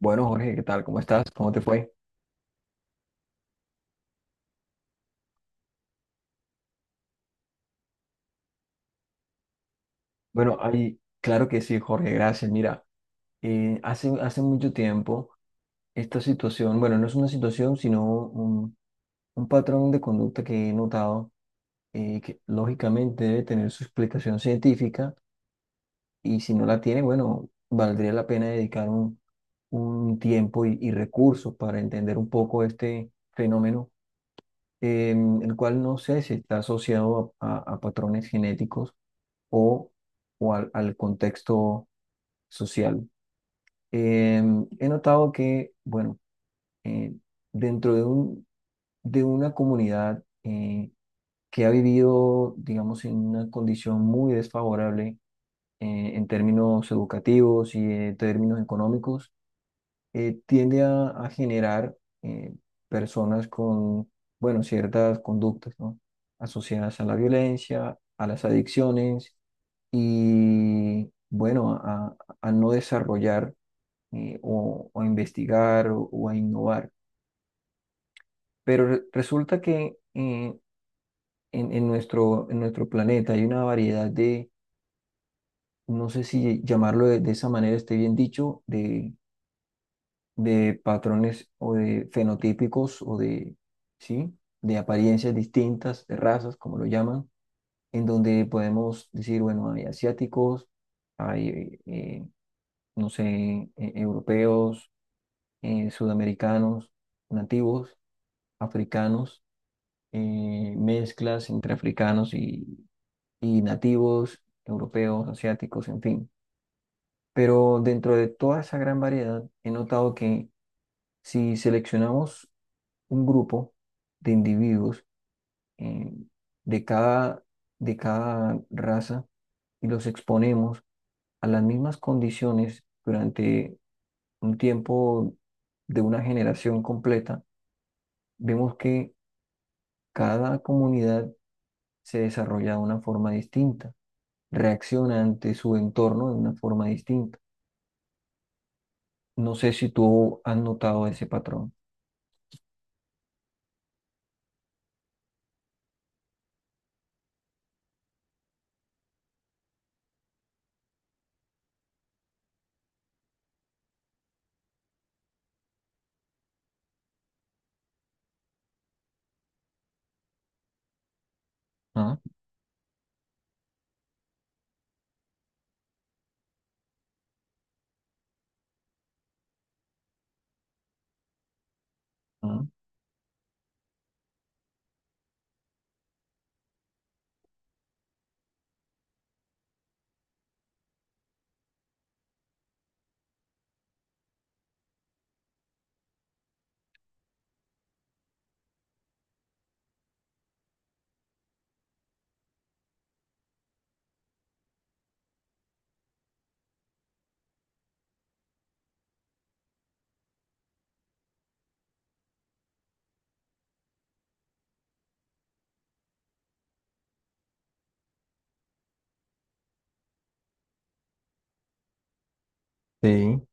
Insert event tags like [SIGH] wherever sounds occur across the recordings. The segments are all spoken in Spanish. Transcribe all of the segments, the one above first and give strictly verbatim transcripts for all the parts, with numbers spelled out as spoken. Bueno, Jorge, ¿qué tal? ¿Cómo estás? ¿Cómo te fue? Bueno, ahí, claro que sí, Jorge, gracias. Mira, eh, hace, hace mucho tiempo esta situación. Bueno, no es una situación, sino un, un patrón de conducta que he notado, eh, que lógicamente debe tener su explicación científica, y si no la tiene, bueno, valdría la pena dedicar un, un tiempo y, y recursos para entender un poco este fenómeno, em, el cual no sé si está asociado a a- a patrones genéticos o, o al, al contexto social. Em, he notado que, bueno, eh, dentro de un, de una comunidad, eh, que ha vivido, digamos, en una condición muy desfavorable eh, en términos educativos y en términos económicos, eh, tiende a, a generar, eh, personas con, bueno, ciertas conductas, ¿no? Asociadas a la violencia, a las adicciones y, bueno, a, a no desarrollar, eh, o, o a investigar o, o a innovar. Pero re- resulta que, eh, en, en nuestro, en nuestro planeta hay una variedad de, no sé si llamarlo de, de esa manera esté bien dicho, de de patrones o de fenotípicos o de, ¿sí?, de apariencias distintas, de razas, como lo llaman, en donde podemos decir, bueno, hay asiáticos, hay, eh, no sé, eh, europeos, eh, sudamericanos, nativos, africanos, eh, mezclas entre africanos y, y nativos, europeos, asiáticos, en fin. Pero dentro de toda esa gran variedad, he notado que si seleccionamos un grupo de individuos, eh, de cada, de cada raza y los exponemos a las mismas condiciones durante un tiempo de una generación completa, vemos que cada comunidad se desarrolla de una forma distinta, reacciona ante su entorno de una forma distinta. No sé si tú has notado ese patrón. Ah, ah, sí,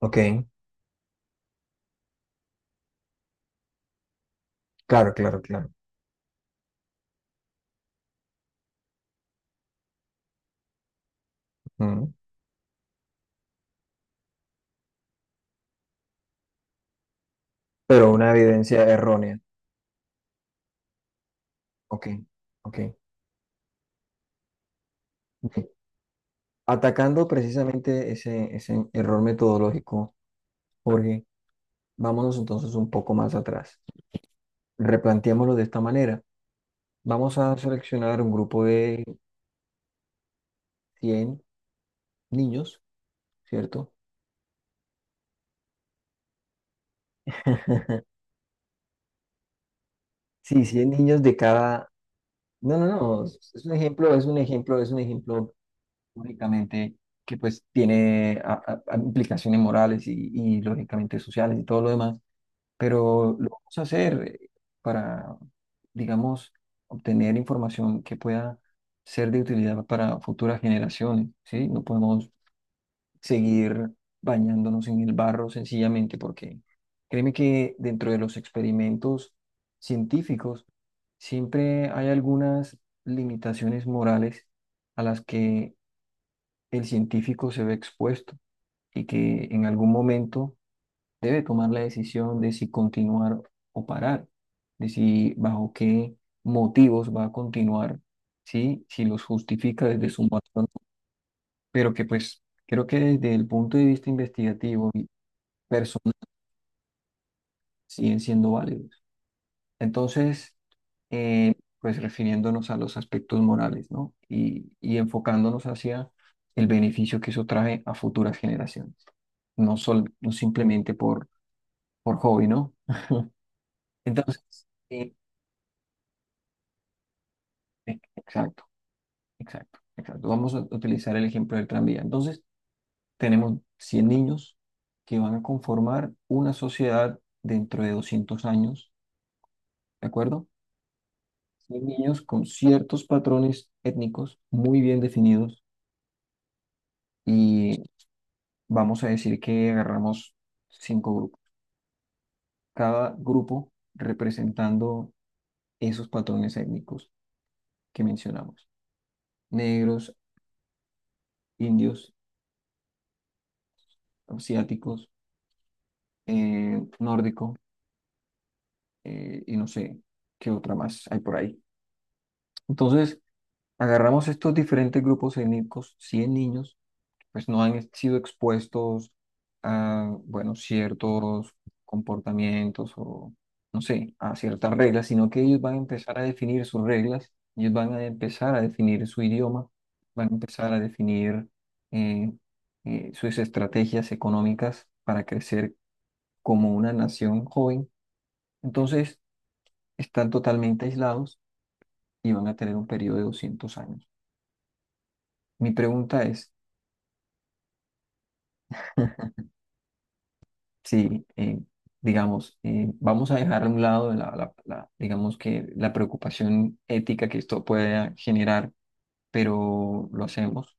ok, claro, claro, claro. Mm. Pero una evidencia errónea. Ok, ok. Bien. Atacando precisamente ese, ese error metodológico, Jorge, vámonos entonces un poco más atrás. Replanteémoslo de esta manera. Vamos a seleccionar un grupo de cien niños, ¿cierto? [LAUGHS] Sí, cien niños de cada... No, no, no, es es un ejemplo, es un ejemplo, es un ejemplo únicamente, que pues tiene a- a- a implicaciones morales y, y lógicamente sociales y todo lo demás. Pero lo vamos a hacer para, digamos, obtener información que pueda ser de utilidad para futuras generaciones, ¿sí? No podemos seguir bañándonos en el barro sencillamente porque, créeme que dentro de los experimentos científicos siempre hay algunas limitaciones morales a las que el científico se ve expuesto y que en algún momento debe tomar la decisión de si continuar o parar, de si bajo qué motivos va a continuar, ¿sí? Si los justifica desde su patrón, pero que, pues, creo que desde el punto de vista investigativo y personal siguen siendo válidos. Entonces, eh, pues refiriéndonos a los aspectos morales, ¿no? Y, y enfocándonos hacia el beneficio que eso trae a futuras generaciones, no, sol- no simplemente por, por hobby, ¿no? Entonces, eh, eh, exacto. Exacto, exacto. Vamos a utilizar el ejemplo del tranvía. Entonces, tenemos cien niños que van a conformar una sociedad dentro de doscientos años, ¿de acuerdo? Cien niños con ciertos patrones étnicos muy bien definidos, y vamos a decir que agarramos cinco grupos, cada grupo representando esos patrones étnicos que mencionamos. Negros, indios, asiáticos, eh, nórdicos, eh, y no sé qué otra más hay por ahí. Entonces, agarramos estos diferentes grupos étnicos, cien niños, pues no han sido expuestos a, bueno, ciertos comportamientos o, no sé, a ciertas reglas, sino que ellos van a empezar a definir sus reglas, ellos van a empezar a definir su idioma, van a empezar a definir, eh, eh, sus estrategias económicas para crecer como una nación joven. Entonces, están totalmente aislados y van a tener un periodo de doscientos años. Mi pregunta es, [LAUGHS] si, eh, digamos, eh, vamos a dejar a un lado la, la- la- digamos que la preocupación ética que esto pueda generar, pero lo hacemos,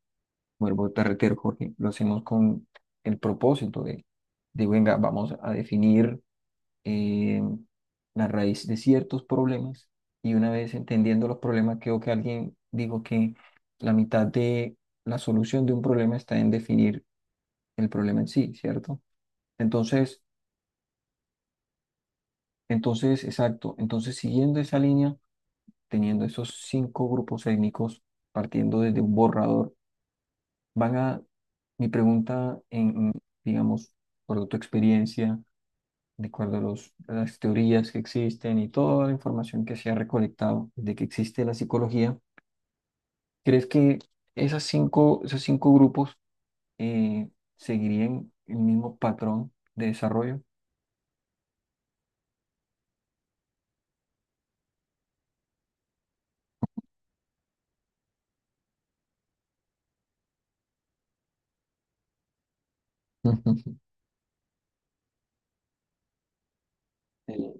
vuelvo a reitero, Jorge, lo hacemos con el propósito de, de venga, vamos a definir, eh, la raíz de ciertos problemas, y una vez entendiendo los problemas, creo que alguien dijo que la mitad de la solución de un problema está en definir el problema en sí, ¿cierto? Entonces, entonces, exacto. Entonces, siguiendo esa línea, teniendo esos cinco grupos étnicos, partiendo desde un borrador, van a, mi pregunta en, en, digamos, por tu experiencia, de acuerdo a los- a las teorías que existen y toda la información que se ha recolectado desde que existe la psicología, ¿crees que esas cinco, esos cinco grupos, eh, seguirían el mismo patrón de desarrollo? [LAUGHS] Ujú. Eh,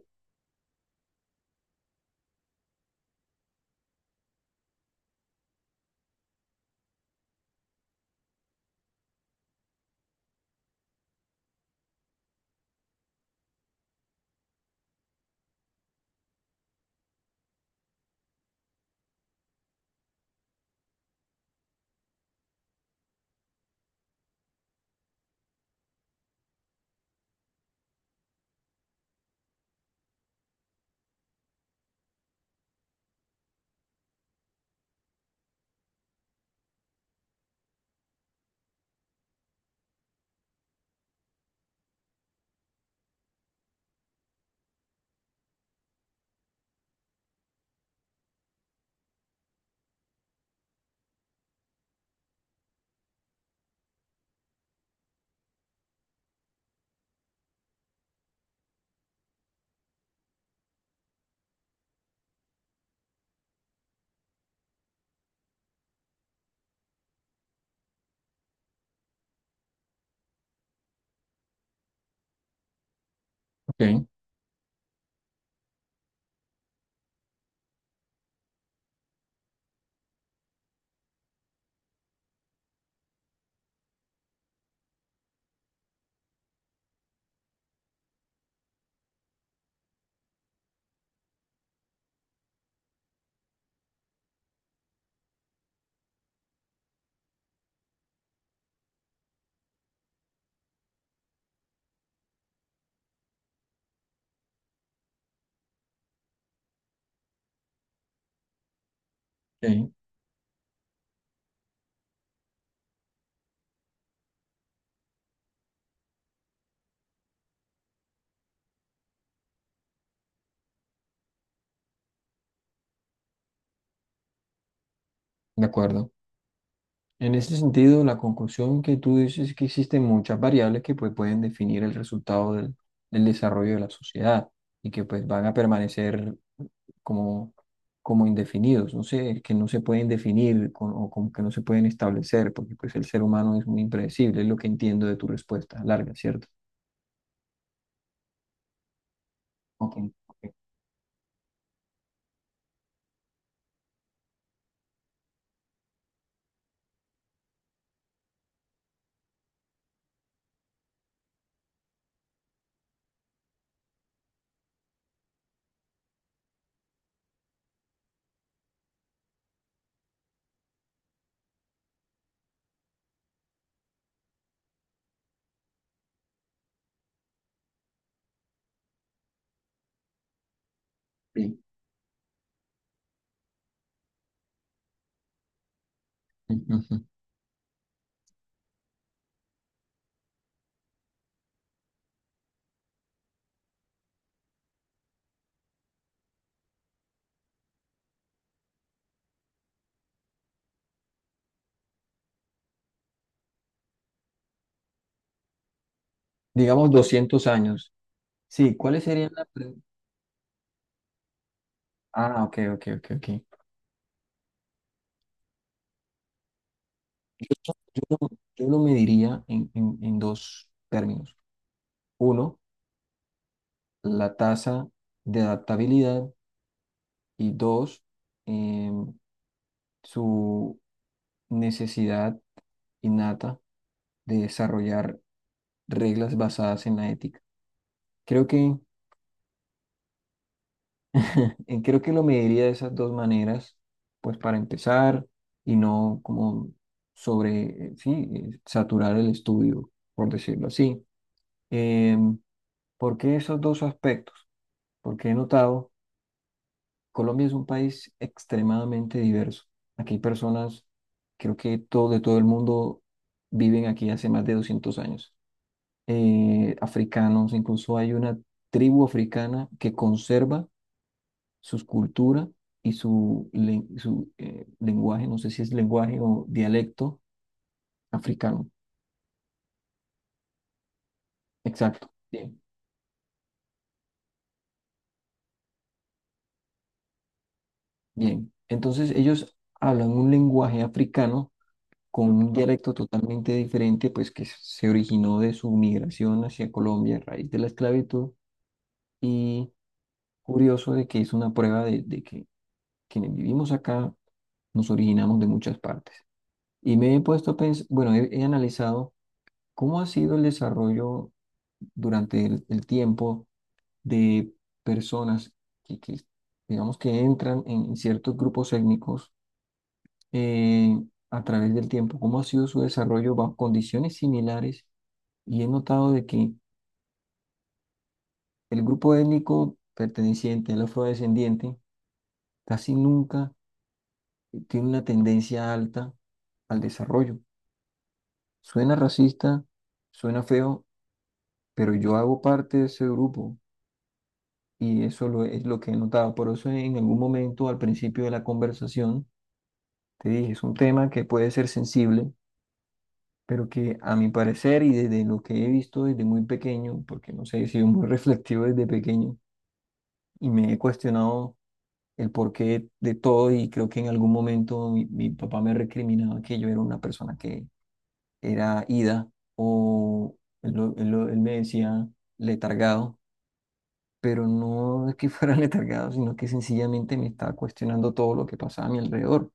Ok, ok. De acuerdo. En ese sentido, la conclusión que tú dices es que existen muchas variables que, pues, pueden definir el resultado del, del desarrollo de la sociedad, y que, pues, van a permanecer como, como indefinidos, no sé, que no se pueden definir con- o como que no se pueden establecer, porque, pues, el ser humano es muy impredecible, es lo que entiendo de tu respuesta larga, ¿cierto? Ok, ok, sí. Ujú. Digamos doscientos años. Sí, ¿cuáles serían las... pre- Ah, ok, ok, ok, ok. Yo, no, yo lo, yo lo mediría en, en- en dos términos. Uno, la tasa de adaptabilidad, y dos, em, su necesidad innata de desarrollar reglas basadas en la ética. Creo que, eh, creo que lo mediría de esas dos maneras, pues para empezar, y no como sobre, eh, sí, eh, saturar el estudio, por decirlo así. Em, ¿Por qué esos dos aspectos? Porque he notado, Colombia es un país extremadamente diverso. Aquí hay personas, creo que todo, de todo el mundo, viven aquí hace más de doscientos años. Eh, africanos, incluso hay una tribu africana que conserva sus cultura y su, len- su, eh, lenguaje, no sé si es lenguaje o dialecto africano. Exacto. Bien, bien. Entonces, ellos hablan un lenguaje africano con un dialecto totalmente diferente, pues que se originó de su migración hacia Colombia a raíz de la esclavitud. Y curioso de que es una prueba de, de que quienes vivimos acá nos originamos de muchas partes. Y me he puesto a pensar, bueno, he, he analizado cómo ha sido el desarrollo durante el, el tiempo de personas que, que, digamos, que entran en ciertos grupos étnicos, eh, a través del tiempo, cómo ha sido su desarrollo bajo condiciones similares, y he notado de que el grupo étnico perteneciente al afrodescendiente casi nunca tiene una tendencia alta al desarrollo. Suena racista, suena feo, pero yo hago parte de ese grupo y eso lo, es lo que he notado. Por eso, en algún momento, al principio de la conversación, te dije, es un tema que puede ser sensible, pero que a mi parecer y desde lo que he visto desde muy pequeño, porque no sé, he sido muy [LAUGHS] reflexivo desde pequeño y me he cuestionado el porqué de todo. Y creo que en algún momento mi, mi papá me recriminaba que yo era una persona que era ida, o él, lo- él lo- él me decía letargado, pero no es que fuera [LAUGHS] letargado, sino que sencillamente me estaba cuestionando todo lo que pasaba a mi alrededor.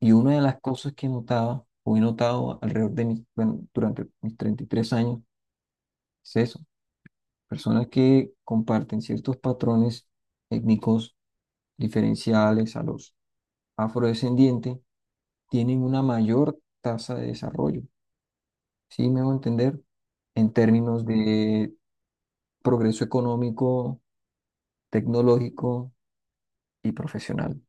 Y una de las cosas que notaba o he notado alrededor de mis, bueno, durante mis treinta y tres años, es eso, personas que comparten ciertos patrones étnicos diferenciales a los afrodescendientes tienen una mayor tasa de desarrollo, ¿sí me hago entender? En términos de progreso económico, tecnológico y profesional.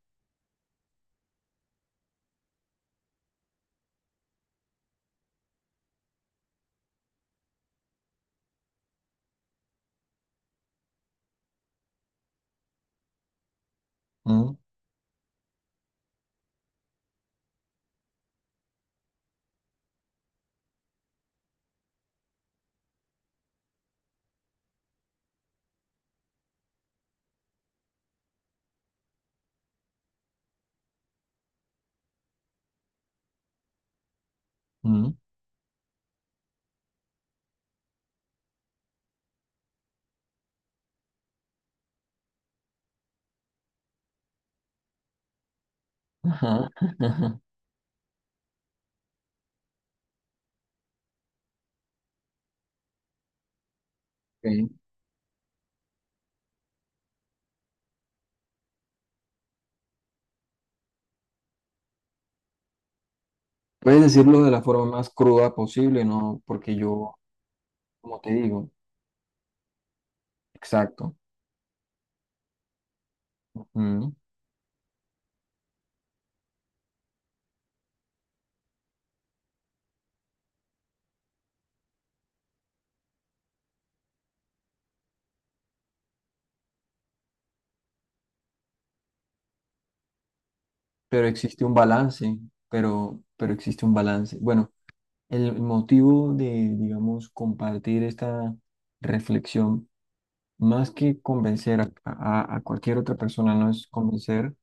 ¿Mm? ¿Mm? Ajá. [LAUGHS] Ok. Puedes decirlo de la forma más cruda posible, ¿no? Porque yo, como te digo, exacto. ¿Mm? Pero existe un balance, pero, pero existe un balance. Bueno, el motivo de, digamos, compartir esta reflexión, más que convencer a, a- a cualquier otra persona, no es convencer,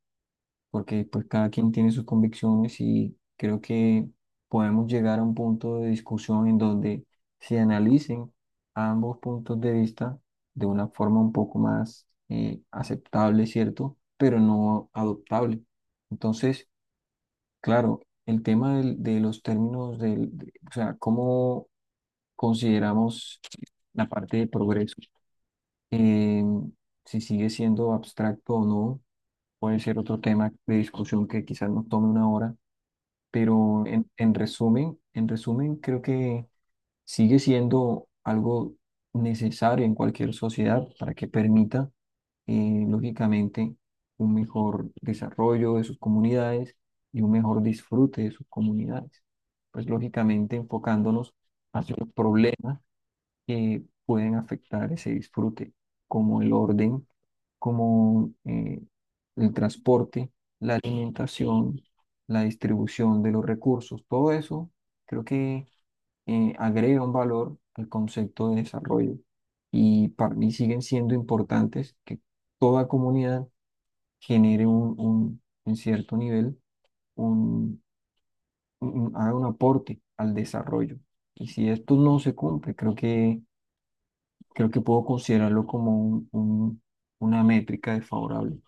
porque, pues, cada quien tiene sus convicciones y creo que podemos llegar a un punto de discusión en donde se analicen ambos puntos de vista de una forma un poco más, eh, aceptable, ¿cierto? Pero no adoptable. Entonces, claro, el tema del- de los términos del, de- o sea, cómo consideramos la parte de progreso, eh, si sigue siendo abstracto o no, puede ser otro tema de discusión que quizás nos tome una hora, pero, en, en resumen, en resumen, creo que sigue siendo algo necesario en cualquier sociedad para que permita, eh, lógicamente, un mejor desarrollo de sus comunidades y un mejor disfrute de sus comunidades. Pues, lógicamente, enfocándonos hacia los problemas que pueden afectar ese disfrute, como el orden, como, eh, el transporte, la alimentación, la distribución de los recursos, todo eso creo que, eh, agrega un valor al concepto de desarrollo, y para mí siguen siendo importantes que toda comunidad genere un, un- en cierto nivel, un, un- haga un aporte al desarrollo. Y si esto no se cumple, creo que creo que puedo considerarlo como un, un- una métrica desfavorable.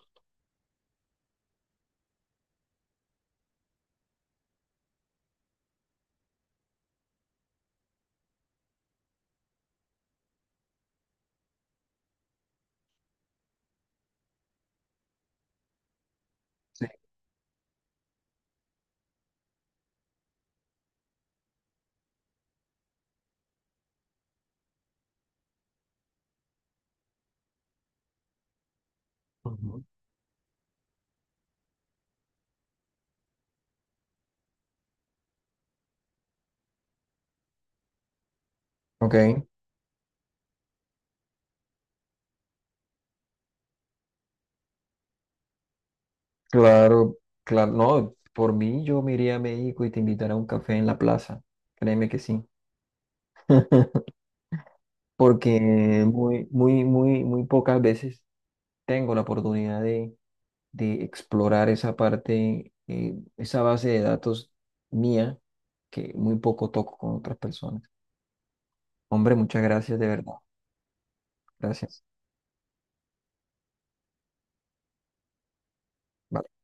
Sí. Ujú. Ok, claro, claro. No, por mí yo me iría a México y te invitaré a un café en la plaza. Créeme que sí. [LAUGHS] Porque muy, muy, muy, muy pocas veces tengo la oportunidad de, de explorar esa parte, eh, esa base de datos mía, que muy poco toco con otras personas. Hombre, muchas gracias, de verdad. Gracias. Vale.